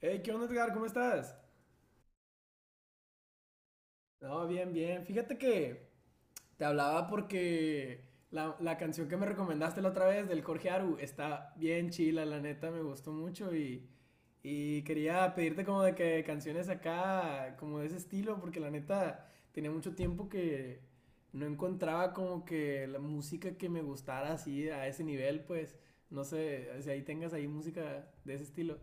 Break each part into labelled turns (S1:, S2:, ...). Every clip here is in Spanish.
S1: Hey, ¿qué onda, Edgar? ¿Cómo estás? No, bien, bien. Fíjate que te hablaba porque la canción que me recomendaste la otra vez del Jorge Aru está bien chila, la neta, me gustó mucho y quería pedirte como de que canciones acá, como de ese estilo, porque la neta tenía mucho tiempo que no encontraba como que la música que me gustara así a ese nivel, pues no sé si ahí tengas ahí música de ese estilo.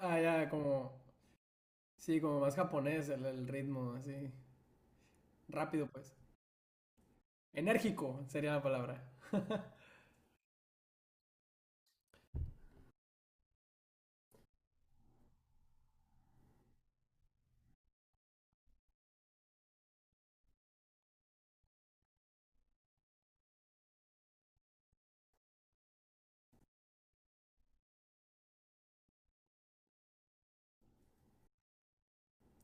S1: Ah, ya, como... Sí, como más japonés el ritmo, así. Rápido, pues. Enérgico sería la palabra.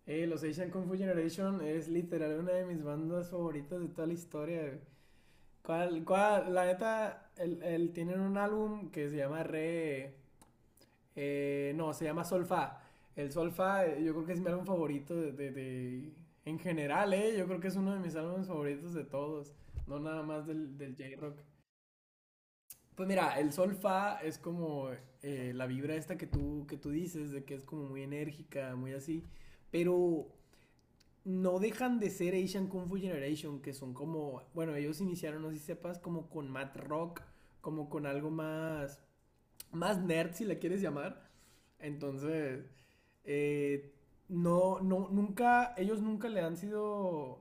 S1: Los Asian Kung Fu Generation es literal una de mis bandas favoritas de toda la historia, güey. ¿Cuál, cuál? La neta, tienen un álbum que se llama Re. No, se llama Solfa. El Solfa, yo creo que es mi álbum favorito en general, ¿eh? Yo creo que es uno de mis álbumes favoritos de todos. No nada más del J-Rock. Pues mira, el sol fa es como la vibra esta que tú, dices, de que es como muy enérgica, muy así, pero no dejan de ser Asian Kung Fu Generation, que son como, bueno, ellos iniciaron, no sé si sepas, como con mat rock, como con algo más, más nerd, si la quieres llamar. Entonces, eh, no, no, nunca, ellos nunca le han sido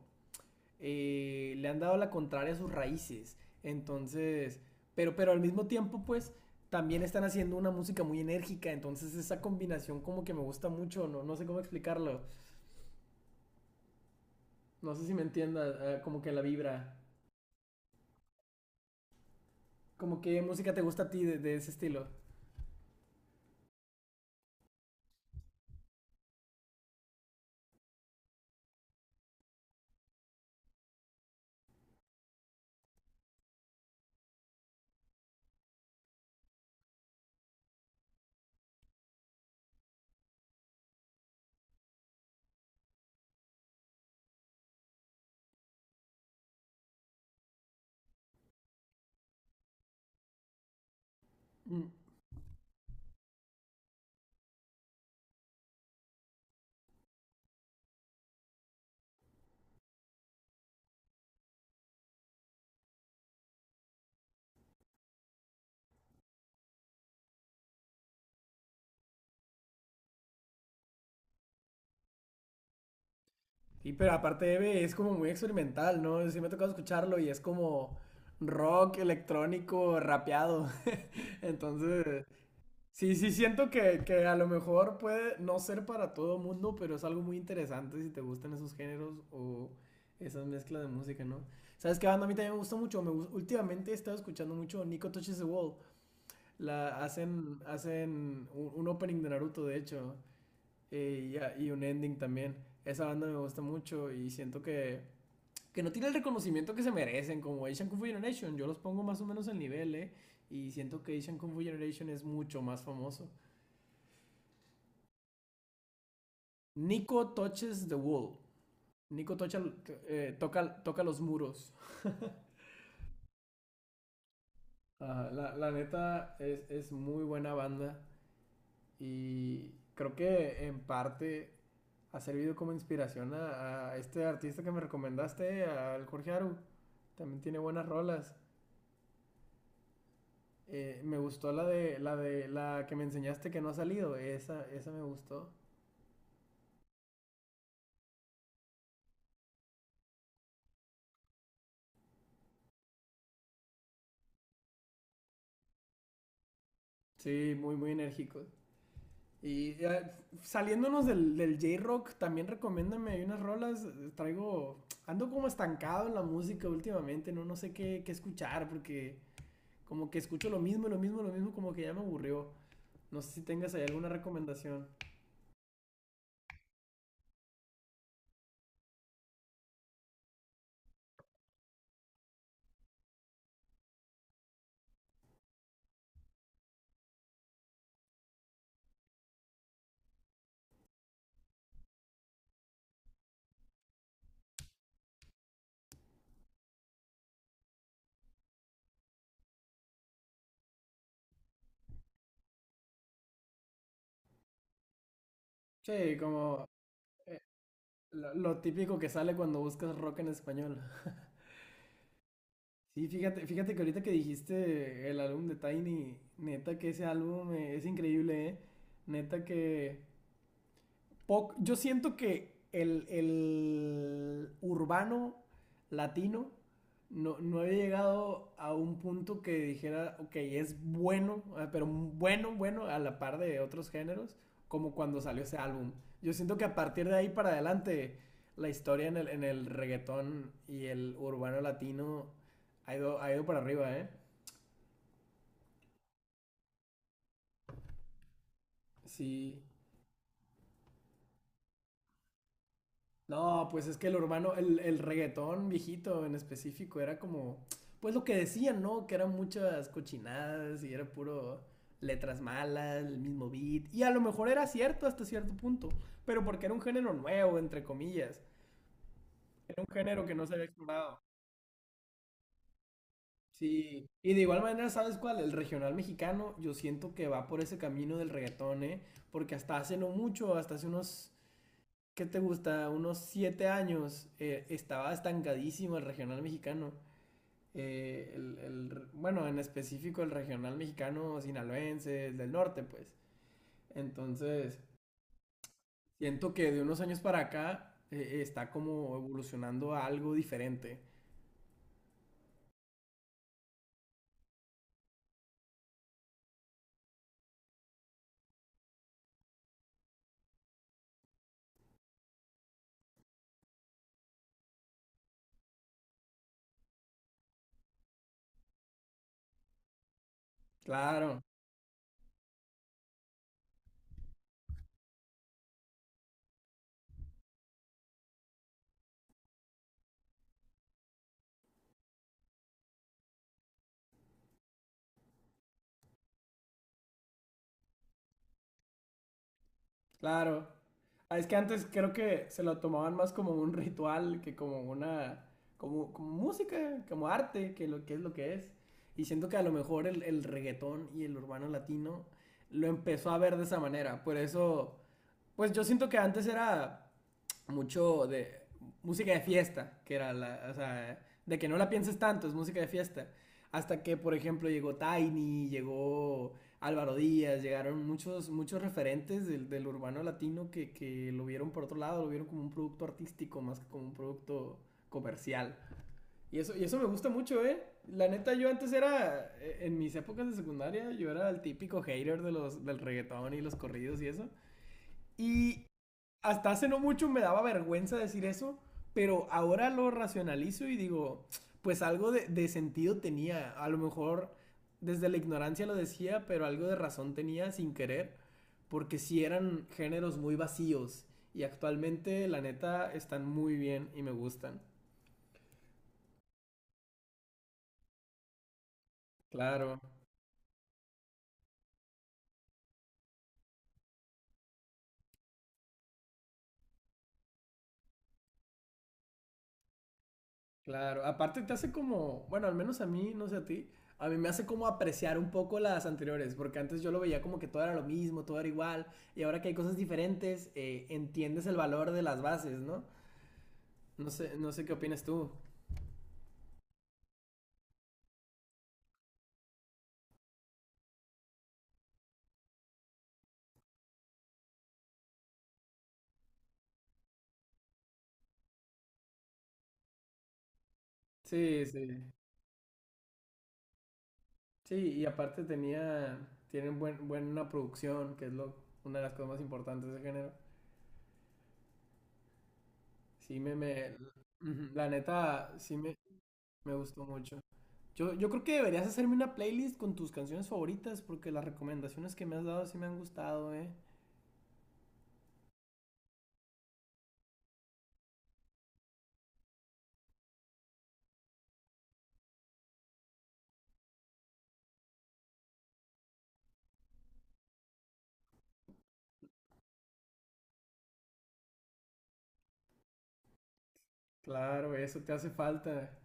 S1: le han dado la contraria a sus raíces. Entonces, pero, al mismo tiempo, pues, también están haciendo una música muy enérgica. Entonces, esa combinación como que me gusta mucho, no, no sé cómo explicarlo. No sé si me entiendas, como que la vibra. Como que música te gusta a ti de ese estilo. Mm. Y pero aparte Eve es como muy experimental, ¿no? Sí me ha tocado escucharlo y es como rock electrónico rapeado. Entonces, sí, sí, siento que, a lo mejor puede no ser para todo mundo, pero es algo muy interesante si te gustan esos géneros o esas mezclas de música, ¿no? ¿Sabes qué banda a mí también me gusta mucho? Últimamente he estado escuchando mucho Nico Touches the Wall. Hacen un opening de Naruto, de hecho, y, y un ending también. Esa banda me gusta mucho y siento que, no tiene el reconocimiento que se merecen, como Asian Kung Fu Generation. Yo los pongo más o menos al nivel, ¿eh? Y siento que Asian Kung Fu Generation es mucho más famoso. Nico Touches the Wall. Nico tocha, toca, toca los muros. Ajá, la neta es muy buena banda y creo que en parte ha servido como inspiración a, este artista que me recomendaste, al Jorge Aru. También tiene buenas rolas. Me gustó la de la que me enseñaste que no ha salido. Esa me gustó. Sí, muy, muy enérgicos. Y saliéndonos del J-Rock, también recomiéndame unas rolas. Traigo. Ando como estancado en la música últimamente, no, no sé qué, qué escuchar, porque como que escucho lo mismo, lo mismo, lo mismo, como que ya me aburrió. No sé si tengas ahí alguna recomendación. Sí, como eh, lo típico que sale cuando buscas rock en español. Sí, fíjate, fíjate que ahorita que dijiste el álbum de Tiny, neta que ese álbum es increíble, ¿eh? Neta que yo siento que el urbano latino no, no había llegado a un punto que dijera, ok, es bueno, ah, pero bueno, bueno, a la par de otros géneros, como cuando salió ese álbum. Yo siento que a partir de ahí para adelante, la historia en el reggaetón y el urbano latino ha ido para arriba, ¿eh? Sí, no, pues es que el urbano, el reggaetón viejito en específico era como, pues lo que decían, ¿no? Que eran muchas cochinadas y era puro letras malas, el mismo beat. Y a lo mejor era cierto hasta cierto punto, pero porque era un género nuevo, entre comillas. Era un género que no se había explorado. Sí, y de igual manera, ¿sabes cuál? El regional mexicano, yo siento que va por ese camino del reggaetón, ¿eh? Porque hasta hace no mucho, hasta hace unos ¿qué te gusta? Unos 7 años estaba estancadísimo el regional mexicano. El, bueno, en específico el regional mexicano sinaloense, el del norte, pues. Entonces, siento que de unos años para acá está como evolucionando a algo diferente. Claro, claro. Ah, es que antes creo que se lo tomaban más como un ritual que como una, como, como música, como arte, que lo que es lo que es. Y siento que a lo mejor el reggaetón y el urbano latino lo empezó a ver de esa manera. Por eso pues yo siento que antes era mucho de música de fiesta, que era la, o sea, de que no la pienses tanto, es música de fiesta. Hasta que, por ejemplo, llegó Tiny, llegó Álvaro Díaz, llegaron muchos, muchos referentes del urbano latino que, lo vieron por otro lado, lo vieron como un producto artístico más que como un producto comercial. Y eso me gusta mucho, ¿eh? La neta, yo antes era, en mis épocas de secundaria, yo era el típico hater de los, del reggaetón y los corridos y eso. Y hasta hace no mucho me daba vergüenza decir eso, pero ahora lo racionalizo y digo, pues algo de sentido tenía. A lo mejor desde la ignorancia lo decía, pero algo de razón tenía sin querer, porque sí eran géneros muy vacíos. Y actualmente, la neta, están muy bien y me gustan. Claro. Claro, aparte te hace como, bueno, al menos a mí, no sé a ti, a mí me hace como apreciar un poco las anteriores, porque antes yo lo veía como que todo era lo mismo, todo era igual, y ahora que hay cosas diferentes, entiendes el valor de las bases, ¿no? No sé, no sé qué opinas tú. Sí, sí. Sí, y aparte tenía, tiene un buen, buena producción, que es lo, una de las cosas más importantes del género. Sí, me, ujú, la neta, sí me gustó mucho. Yo creo que deberías hacerme una playlist con tus canciones favoritas porque las recomendaciones que me has dado sí me han gustado, ¿eh? Claro, eso te hace falta.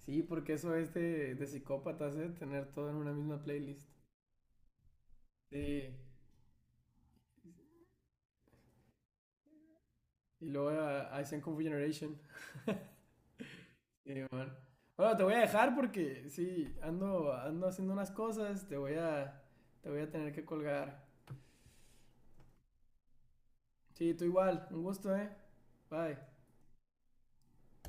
S1: Sí, porque eso es de psicópatas, ¿eh? Tener todo en una misma playlist. Sí. Y luego a Zen Kung Fu Generation. Sí, man. Bueno, te voy a dejar porque sí, ando, ando haciendo unas cosas, te voy a tener que colgar. Sí, tú igual, un gusto, ¿eh? Bye.